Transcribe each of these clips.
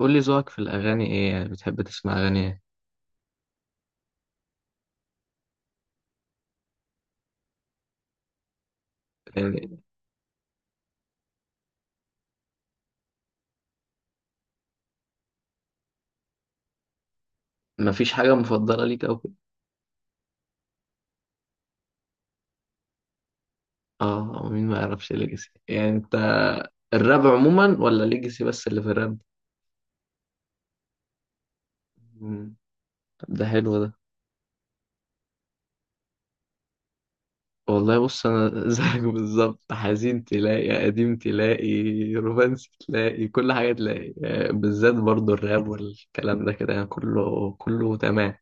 قول لي ذوقك في الأغاني إيه؟ يعني بتحب تسمع أغاني إيه؟ يعني مفيش حاجة مفضلة ليك أو كده؟ مين ما يعرفش ليجاسي؟ يعني أنت الراب عموما ولا ليجاسي بس اللي في الراب؟ مم. طب ده حلو ده. والله بص، أنا زيك بالظبط، حزين تلاقي، قديم تلاقي، رومانسي تلاقي، كل حاجة تلاقي. بالذات برضو الراب والكلام ده كده، يعني كله كله تمام.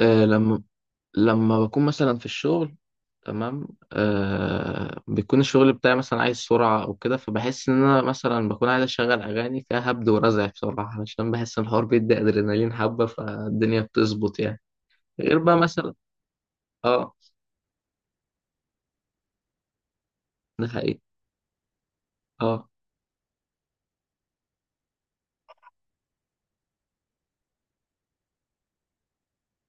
آه لما لما بكون مثلا في الشغل، تمام. بيكون الشغل بتاعي مثلا عايز سرعة أو كده، فبحس إن أنا مثلا بكون عايز أشغل أغاني فيها هبد ورزع بسرعة، علشان بحس إن الحوار بيدي أدرينالين حبة، فالدنيا بتظبط يعني. غير بقى مثلا. آه ده حقيقي. آه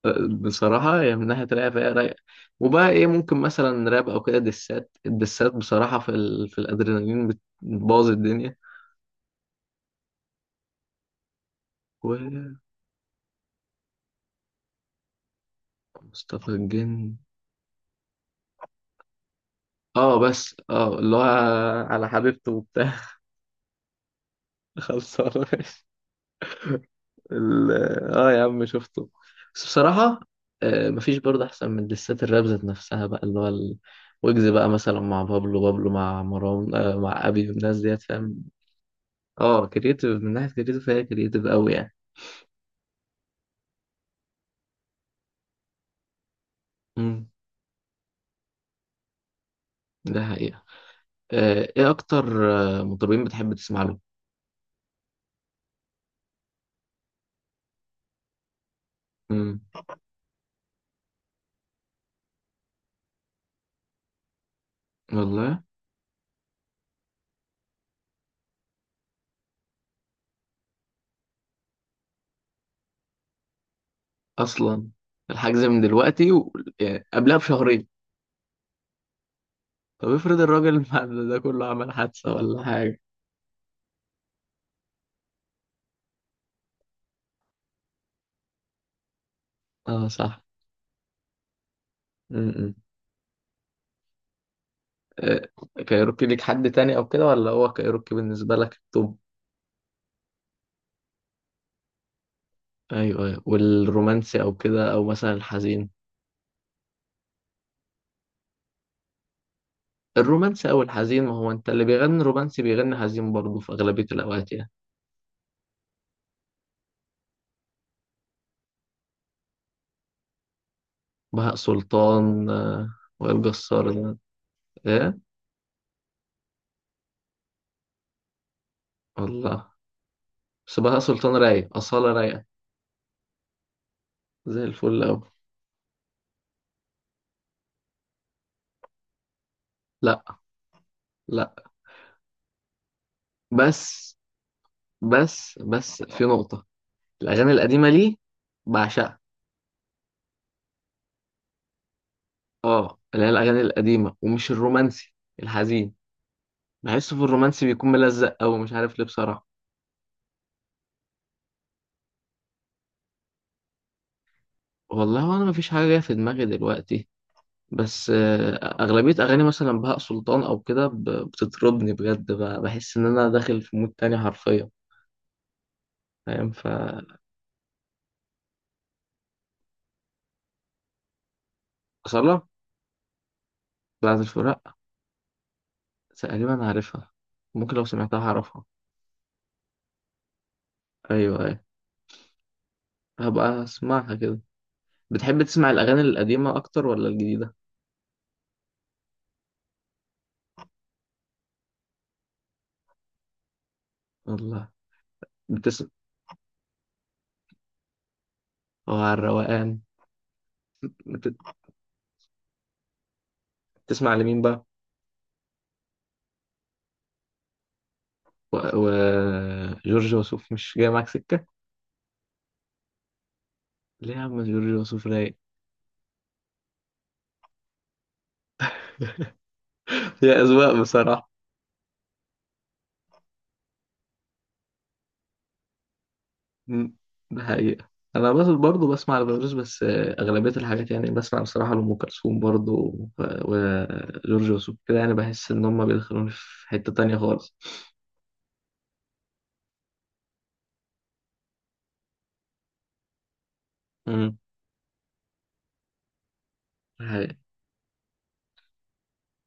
بصراحة يعني من ناحية رايقة فهي رايقة. وبقى إيه ممكن مثلا راب أو كده دسات؟ الدسات بصراحة في الأدرينالين بتبوظ الدنيا. ومصطفى الجن. بس اللي هو على حبيبته وبتاع. خلصانة. ال... اه يا عم شفته. بس بصراحة، مفيش برضه أحسن من دسات الراب ذات نفسها بقى، ويجز بقى مثلا مع بابلو مع مروان، مع أبي والناس ديت فاهم. اه، كريتيف، من ناحية كريتيف فهي كريتيف أوي يعني. امم ده حقيقة. إيه أكتر مطربين بتحب تسمع له؟ امم والله. أصلا الحجز من دلوقتي يعني قبلها بشهرين. طب افرض الراجل بعد ده كله عمل حادثة ولا حاجة؟ اه صح. امم آه، كايروكي ليك حد تاني او كده، ولا هو كايروكي بالنسبه لك التوب؟ ايوه ايوه، والرومانسي او كده، او مثلا الحزين؟ الرومانسي او الحزين؟ ما هو انت اللي بيغني رومانسي بيغني حزين برضه في اغلبيه الاوقات يعني. بهاء سلطان. وائل جسار ده؟ ايه؟ والله. بس بهاء سلطان رايق، اصاله رايقه، زي الفل اوي. لا. لا. بس. بس في نقطه، الاغاني القديمه ليه بعشقها. اه، اللي هي الاغاني القديمه، ومش الرومانسي، الحزين. بحسه في الرومانسي بيكون ملزق أوي، مش عارف ليه بصراحة. والله أنا مفيش حاجة جاية في دماغي دلوقتي. بس أغلبية أغاني مثلا بهاء سلطان أو كده، بتطربني بجد، بحس إن أنا داخل في مود تاني حرفيا. فاهم. أصالة. بعد الفراق. تقريبا عارفها. ممكن لو سمعتها هعرفها. أيوه أيوه. هبقى أسمعها كده. بتحب تسمع الأغاني القديمة أكتر ولا الجديدة؟ والله. بتسمع. هو على الروقان. بت- بتسمع لمين بقى؟ و... و... جورج وسوف مش جاي معاك سكة؟ ليه يا عم، جورج وسوف رايق. هي أذواق بصراحة. مم. ده حقيقة. أنا بس برضه بسمع لفيروز بس، أغلبية الحاجات يعني بسمع بصراحة لأم كلثوم برضه وجورج وسوف كده، يعني بحس إن هما بيدخلوني في حتة تانية خالص. مم. ده حقيقة.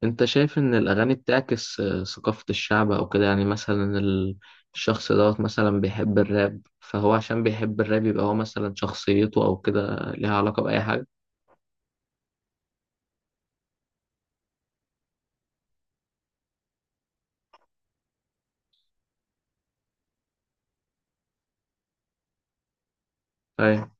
أنت شايف إن الأغاني بتعكس ثقافة الشعب أو كده؟ يعني مثلا الشخص دوت مثلا بيحب الراب، فهو عشان بيحب الراب يبقى هو مثلا شخصيته أو كده ليها علاقة بأي حاجة؟ أيوة.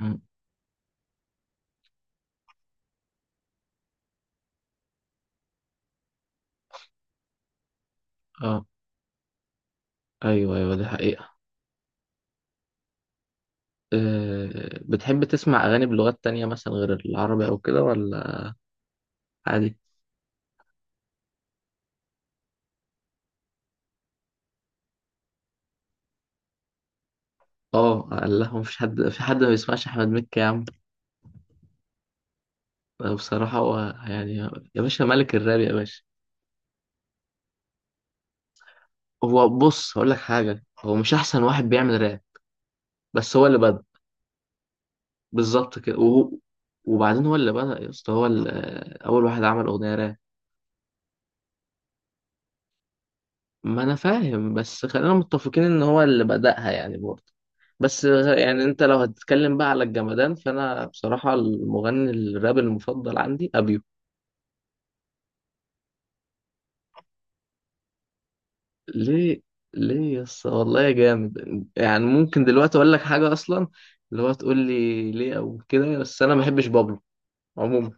مم. أه. أيوه أيوه دي حقيقة. بتحب تسمع أغاني بلغات تانية مثلا غير العربي أو كده، ولا عادي؟ اه لا، هو مفيش حد، في حد ما بيسمعش أحمد مكي يا عم؟ بصراحة هو، يعني، يا باشا ملك الراب يا باشا. هو بص، هقول لك حاجة، هو مش أحسن واحد بيعمل راب، بس هو اللي بدأ. بالظبط كده، وهو وبعدين هو اللي بدأ يا اسطى، أول واحد عمل أغنية راب. ما انا فاهم، بس خلينا متفقين ان هو اللي بدأها يعني برضه. يعني انت لو هتتكلم بقى على الجمدان، فانا بصراحة المغني الراب المفضل عندي ابيو. ليه؟ ليه يس والله يا جامد؟ يعني ممكن دلوقتي اقول لك حاجة، اصلا اللي هو تقول لي ليه او كده، بس انا ما بحبش بابلو عموما.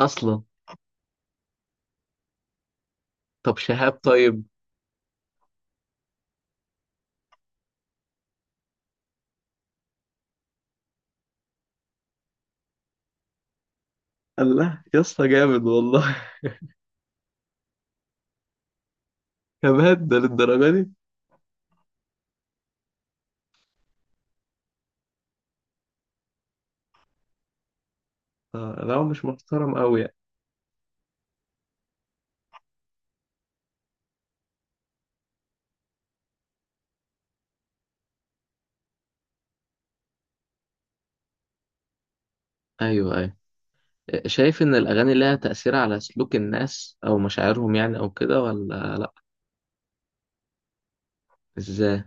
اصلا، طب شهاب طيب. الله يا اسطى جامد والله. كمان ده للدرجة دي؟ لا، هو مش محترم قوي يعني. ايوه ايوه. شايف إن الأغاني لها تأثير على سلوك الناس أو مشاعرهم، يعني أو كده ولا لأ؟ إزاي؟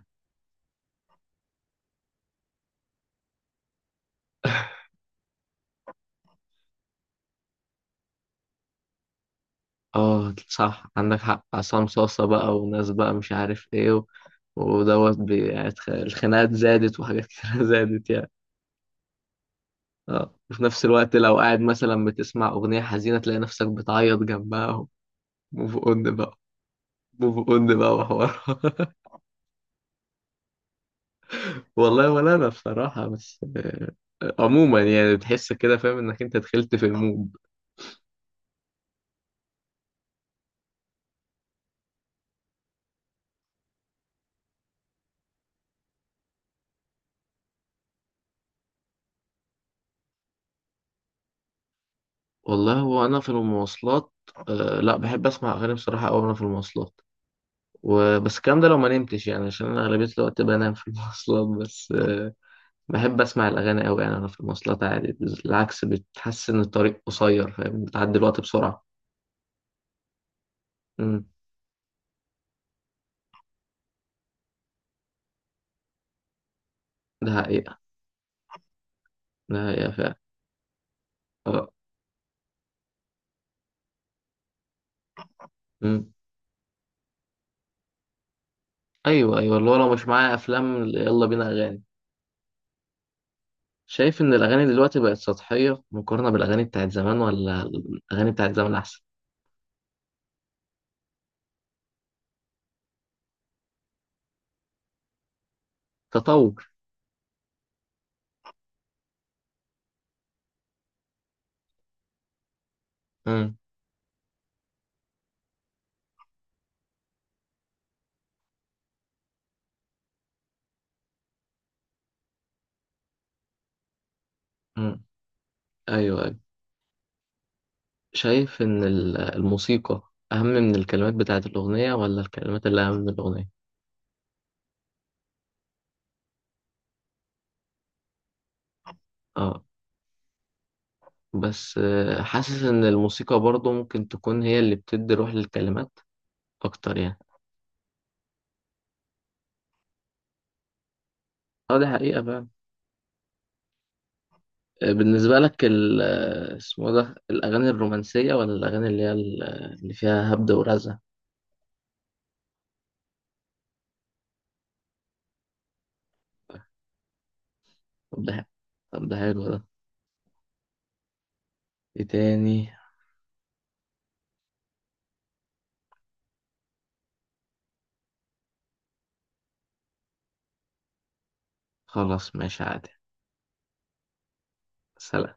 صح، عندك حق، عصام صاصة بقى وناس بقى مش عارف إيه ودوت يعني الخناقات زادت، وحاجات كتير زادت يعني. وفي نفس الوقت لو قاعد مثلا بتسمع أغنية حزينة تلاقي نفسك بتعيط جنبها. موف أون بقى. موف أون بقى وحوار. والله ولا أنا بصراحة، بس عموما يعني بتحس كده، فاهم إنك أنت دخلت في المود. والله هو انا في المواصلات، لا بحب اسمع اغاني بصراحه قوي وانا في المواصلات، وبس الكلام ده لو ما نمتش، يعني عشان انا اغلبيه الوقت بنام في المواصلات، بس بحب اسمع الاغاني قوي، يعني انا في المواصلات عادي، بالعكس بتحس ان الطريق قصير فاهم، بتعدي الوقت بسرعه. امم ده حقيقه. ده حقيقه فعلا. اه. امم ايوه ايوه، اللي هو لو مش معايا افلام يلا بينا اغاني. شايف ان الاغاني دلوقتي بقت سطحيه مقارنه بالاغاني بتاعت زمان، ولا الاغاني بتاعت زمان احسن؟ تطور. امم امم ايوه. شايف إن الموسيقى أهم من الكلمات بتاعة الأغنية، ولا الكلمات اللي أهم من الأغنية؟ آه بس آه، حاسس إن الموسيقى برضه ممكن تكون هي اللي بتدي روح للكلمات أكتر يعني. دي حقيقة بقى. بالنسبة لك ال آه، اسمه ده الأغاني الرومانسية ولا الأغاني اللي هي ال- آه، اللي فيها هبد ورزع؟ طب ده حلو. طب ده حلو ده. إيه تاني؟ خلاص ماشي عادي. سلام.